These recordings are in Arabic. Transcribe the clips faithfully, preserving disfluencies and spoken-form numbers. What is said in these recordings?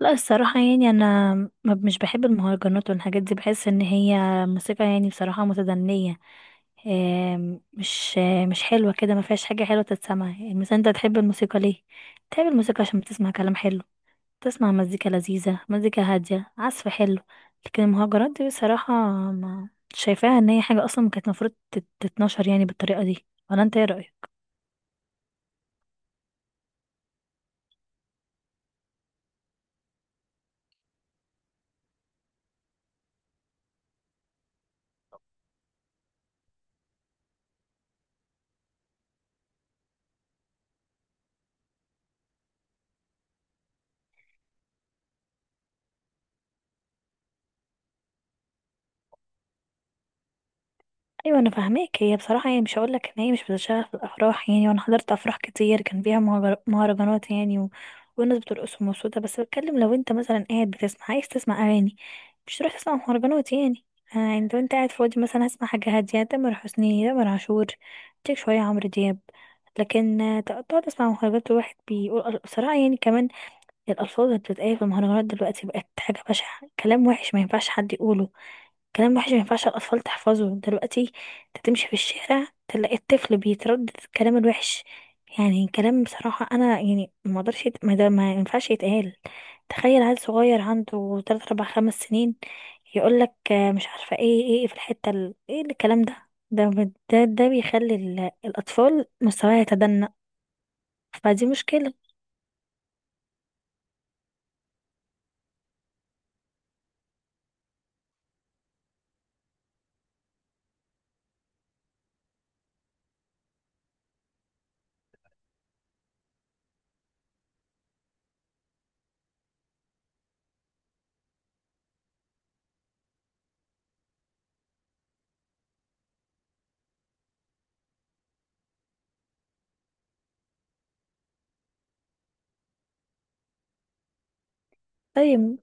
لا الصراحة يعني أنا ما- مش بحب المهرجانات والحاجات دي. بحس إن هي موسيقى يعني بصراحة متدنية. آم، مش آه، مش حلوة كده، ما فيهاش حاجة حلوة تتسمع. يعني مثلا أنت تحب الموسيقى ليه؟ تحب الموسيقى عشان بتسمع كلام حلو، تسمع مزيكا لذيذة، مزيكا هادية، عزف حلو. لكن المهرجانات دي بصراحة ما شايفاها إن هي حاجة أصلا كانت المفروض تت- تتنشر يعني بالطريقة دي. ولا أنت إيه رأيك؟ ايوه انا فاهماك. هي بصراحه يعني مش هقول لك ان هي مش بتشتغل في الافراح، يعني وانا حضرت افراح كتير كان فيها مهرج- مهرجانات يعني و... والناس بترقص ومبسوطه. بس بتكلم لو انت مثلا قاعد بتسمع عايز تسمع اغاني، مش تروح تسمع مهرجانات يعني. آه، يعني لو انت قاعد فاضي مثلا هسمع حاجه هاديه، تامر حسني، تامر عاشور، تيك شويه، عمرو دياب. لكن آه، تق- تقعد تسمع مهرجانات، الواحد بيقول بصراحه يعني كمان الالفاظ اللي بتتقال في المهرجانات دلوقتي بقت حاجه بشعه، كلام وحش ما ينفعش حد يقوله، كلام وحش ما ينفعش الأطفال تحفظه دلوقتي. انت تمشي في الشارع تلاقي الطفل بيتردد الكلام الوحش. يعني كلام بصراحة أنا يعني ما اقدرش يت- ما, ده ما ينفعش يتقال. تخيل عيل صغير عنده تلات أربع خمس سنين يقول لك مش عارفة ايه ايه إيه في الحتة ال... ايه الكلام ده؟ ده ده, ده بيخلي ال- الأطفال مستواها يتدنى. فدي مشكلة. طيب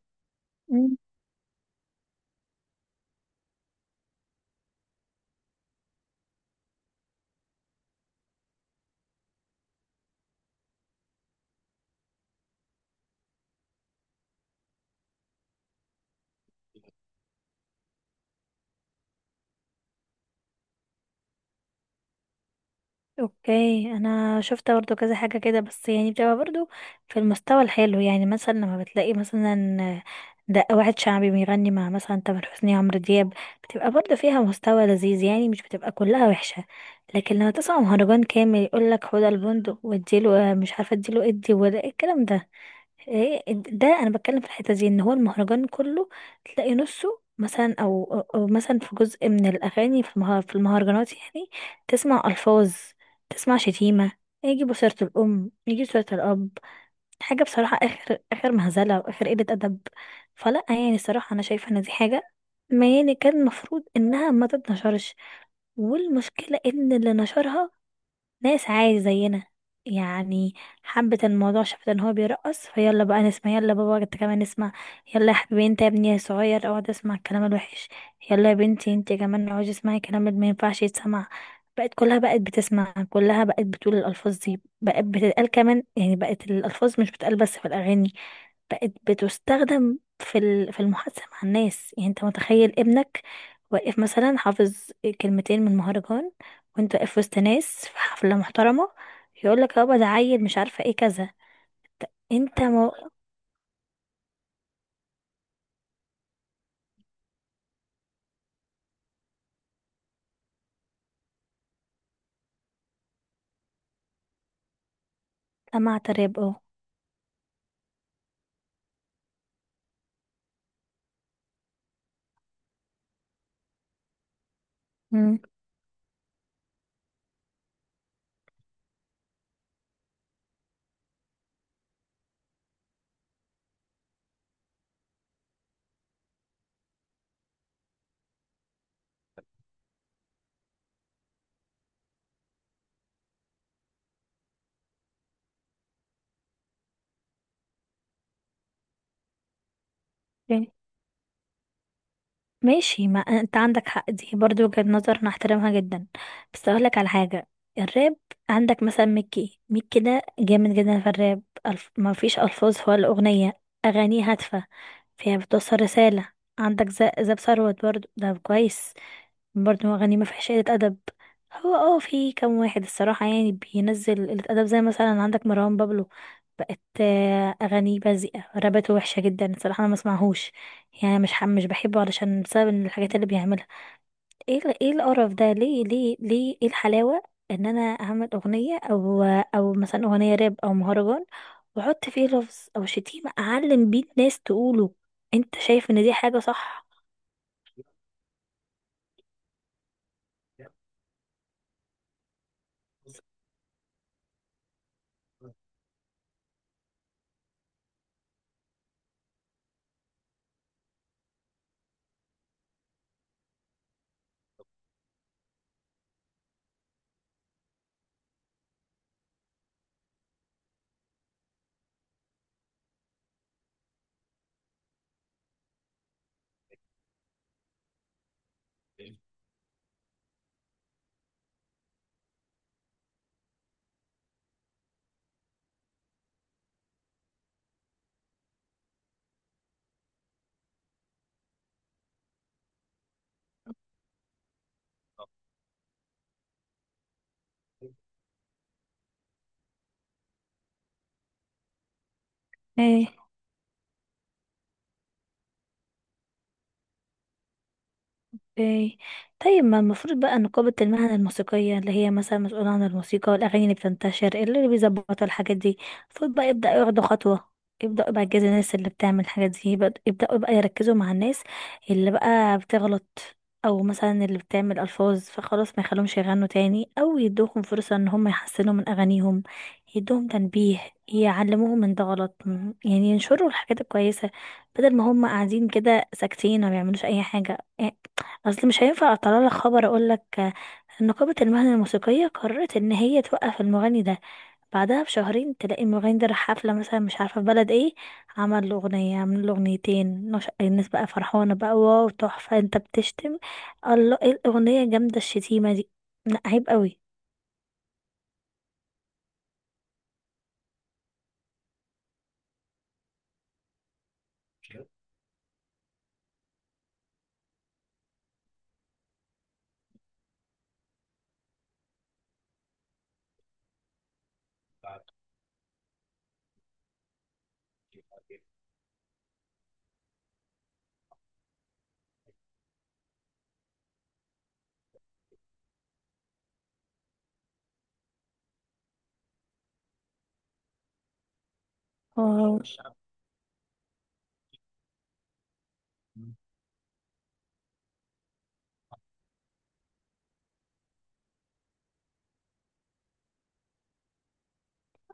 اوكي، انا شفت برضو كذا حاجة كده، بس يعني بتبقى برضو في المستوى الحلو. يعني مثلا لما بتلاقي مثلا ده واحد شعبي بيغني مع مثلا تامر حسني، عمرو دياب، بتبقى برضو فيها مستوى لذيذ يعني، مش بتبقى كلها وحشة. لكن لما تسمع مهرجان كامل يقولك خد البندق واديله، مش عارفة اديله ادي ولا ايه الكلام ده. ايه إنت- ده انا بتكلم في الحته دي، ان هو المهرجان كله تلاقي نصه مثلا، او او أو مثلا في جزء من الاغاني في المه- في المهرجانات يعني تسمع الفاظ، تسمع شتيمه، يجي بصيره الام، يجي صوره الاب. حاجه بصراحه اخر اخر مهزله، واخر قله ادب. فلا يعني الصراحه انا شايفه ان دي حاجه ما يعني كان المفروض انها ما تتنشرش. والمشكله ان اللي نشرها ناس عادي زينا يعني، حبت الموضوع، شافت ان هو بيرقص، فيلا بقى نسمع، يلا بابا انت كمان اسمع، يلا يا حبيبي انت يا ابني صغير اقعد اسمع الكلام الوحش، يلا يا بنتي انت كمان اقعدي اسمعي الكلام اللي ما ينفعش يتسمع. بقت كلها بقت بتسمع، كلها بقت بتقول الالفاظ دي، بقت بتتقال كمان يعني. بقت الالفاظ مش بتتقال بس في الاغاني، بقت بتستخدم في ال- في المحادثة مع الناس. يعني انت متخيل ابنك واقف مثلا حافظ كلمتين من مهرجان، وانت واقف وسط ناس في حفلة محترمة، يقول لك يابا ده عيل مش عارفة ايه كذا؟ انت ما سمعت راب؟ اه. مم. اوكي. ماشي. ما انت عندك حق، دي برضو وجهة نظر انا احترمها جدا. بس اقول لك على حاجة. الراب عندك مثلا ميكي ميكي ده جامد جدا في الراب. ألف... ما فيش الفاظ ولا اغنية، اغانيه هادفة فهي بتوصل رسالة. عندك ز- زاب ثروت برضو ده كويس، برضو أغاني ما فيهاش قلة أدب. هو اه في كام واحد الصراحة يعني بينزل قلة أدب، زي مثلا عندك مروان بابلو. بقت آه، أغانيه بذيئة، رابته وحشة جدا الصراحة، أنا ما اسمعهوش يعني. مش ح- مش بحبه علشان بسبب الحاجات اللي بيعملها. ايه ال- ايه القرف ده؟ ليه ليه ليه؟ ايه الحلاوة ان انا اعمل اغنية، او او مثلا اغنية راب او مهرجان، واحط فيه لفظ او شتيمة اعلم بيه الناس تقوله؟ انت شايف ان دي حاجة صح؟ ايه، اوكي. طيب ما المفروض بقى نقابة المهنة الموسيقية، اللي هي مثلا مسؤولة عن الموسيقى والأغاني اللي بتنتشر، اللي بيظبطوا الحاجات دي، المفروض بقى يبدأ ياخدوا خطوة. يبدأوا بقى يجازوا الناس اللي بتعمل الحاجات دي. يبقى- يبدأوا بقى يركزوا مع الناس اللي بقى بتغلط، أو مثلا اللي بتعمل ألفاظ، فخلاص ما يخلوهمش يغنوا تاني، أو يدوهم فرصة إن هم يحسنوا من أغانيهم. يدوهم تنبيه، يعلموهم من ده غلط. م- يعني ينشروا الحاجات الكويسة، بدل ما هم قاعدين كده ساكتين ما بيعملوش أي حاجة. اصل مش هينفع اطلع لك خبر اقول لك ان نقابة المهنة الموسيقية قررت ان هي توقف المغني ده، بعدها بشهرين تلاقي المغني ده راح حفلة مثلا مش عارفة في بلد ايه، عمل له أغنية، عمل له أغنيتين، نش- الناس بقى فرحانة بقى، واو تحفة انت بتشتم، الله ايه الأغنية جامدة الشتيمة دي. لا عيب قوي.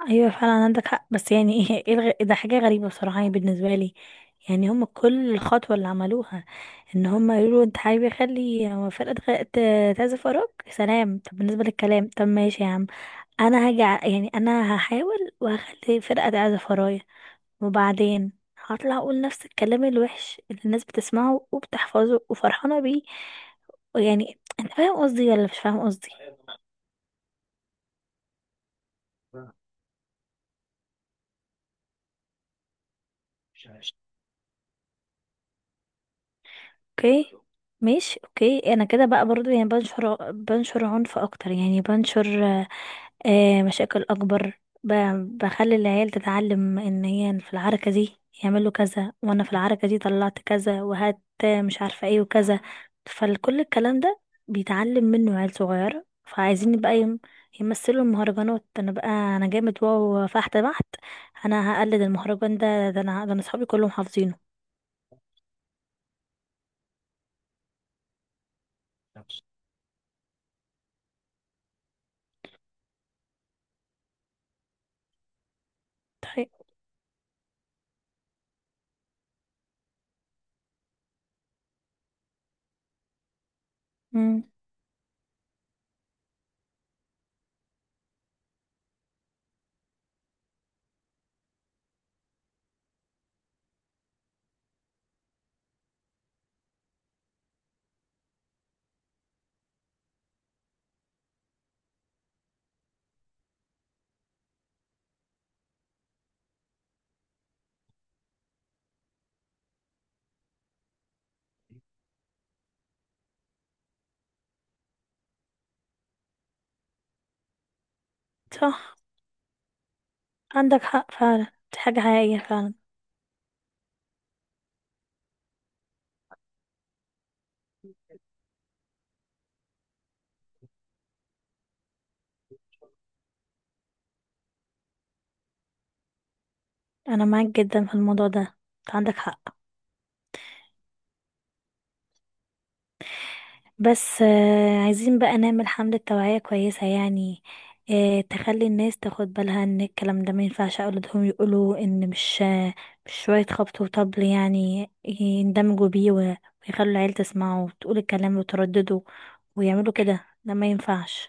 ايوه فعلا عندك حق. بس يعني ايه، إيه الغ... ده حاجه غريبه بصراحه يعني بالنسبه لي. يعني هم كل الخطوه اللي عملوها ان هم يقولوا انت حابب يخلي فرقه غ... ت- تعزف وراك، سلام. طب بالنسبه للكلام طب ماشي يا عم، انا هاجي ع- يعني انا هحاول وهخلي فرقه تعزف ورايا، وبعدين هطلع اقول نفس الكلام الوحش اللي الناس بتسمعه وبتحفظه وفرحانه بيه. يعني انت فاهم قصدي ولا مش فاهم قصدي؟ اوكي ماشي. اوكي انا كده بقى برضو يعني بنشر بنشر عنف اكتر، يعني بنشر آه، آه، مشاكل اكبر، ب- بخلي العيال تتعلم ان هي في العركة دي يعملوا كذا، وانا في العركة دي طلعت كذا وهات مش عارفة ايه وكذا. فكل الكلام ده بيتعلم منه عيال صغيرة، فعايزين بقى يم- يمثلوا المهرجانات. انا بقى انا جامد واو فحت بحت، انا هقلد المهرجان ده، ده انا، ده انا صحابي كلهم حافظينه. طيب. امم. صح عندك حق فعلا، دي حاجة حقيقية فعلا. أنا معاك جدا في الموضوع ده، أنت عندك حق. بس آه، عايزين بقى نعمل حملة توعية كويسة يعني، آه، تخلي الناس تاخد بالها ان الكلام ده ما ينفعش اولادهم يقولوا، ان مش آه، مش شوية خبط وطبل يعني يندمجوا بيه و- ويخلوا العيل تسمعه وتقول الكلام وتردده، ويعملوا كده. ده ما ينفعش.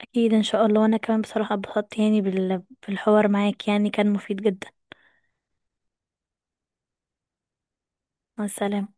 اكيد ان شاء الله، وانا كمان بصراحة اتبسطت يعني بال- بالحوار معاك، يعني كان مفيد جدا. مع السلامة.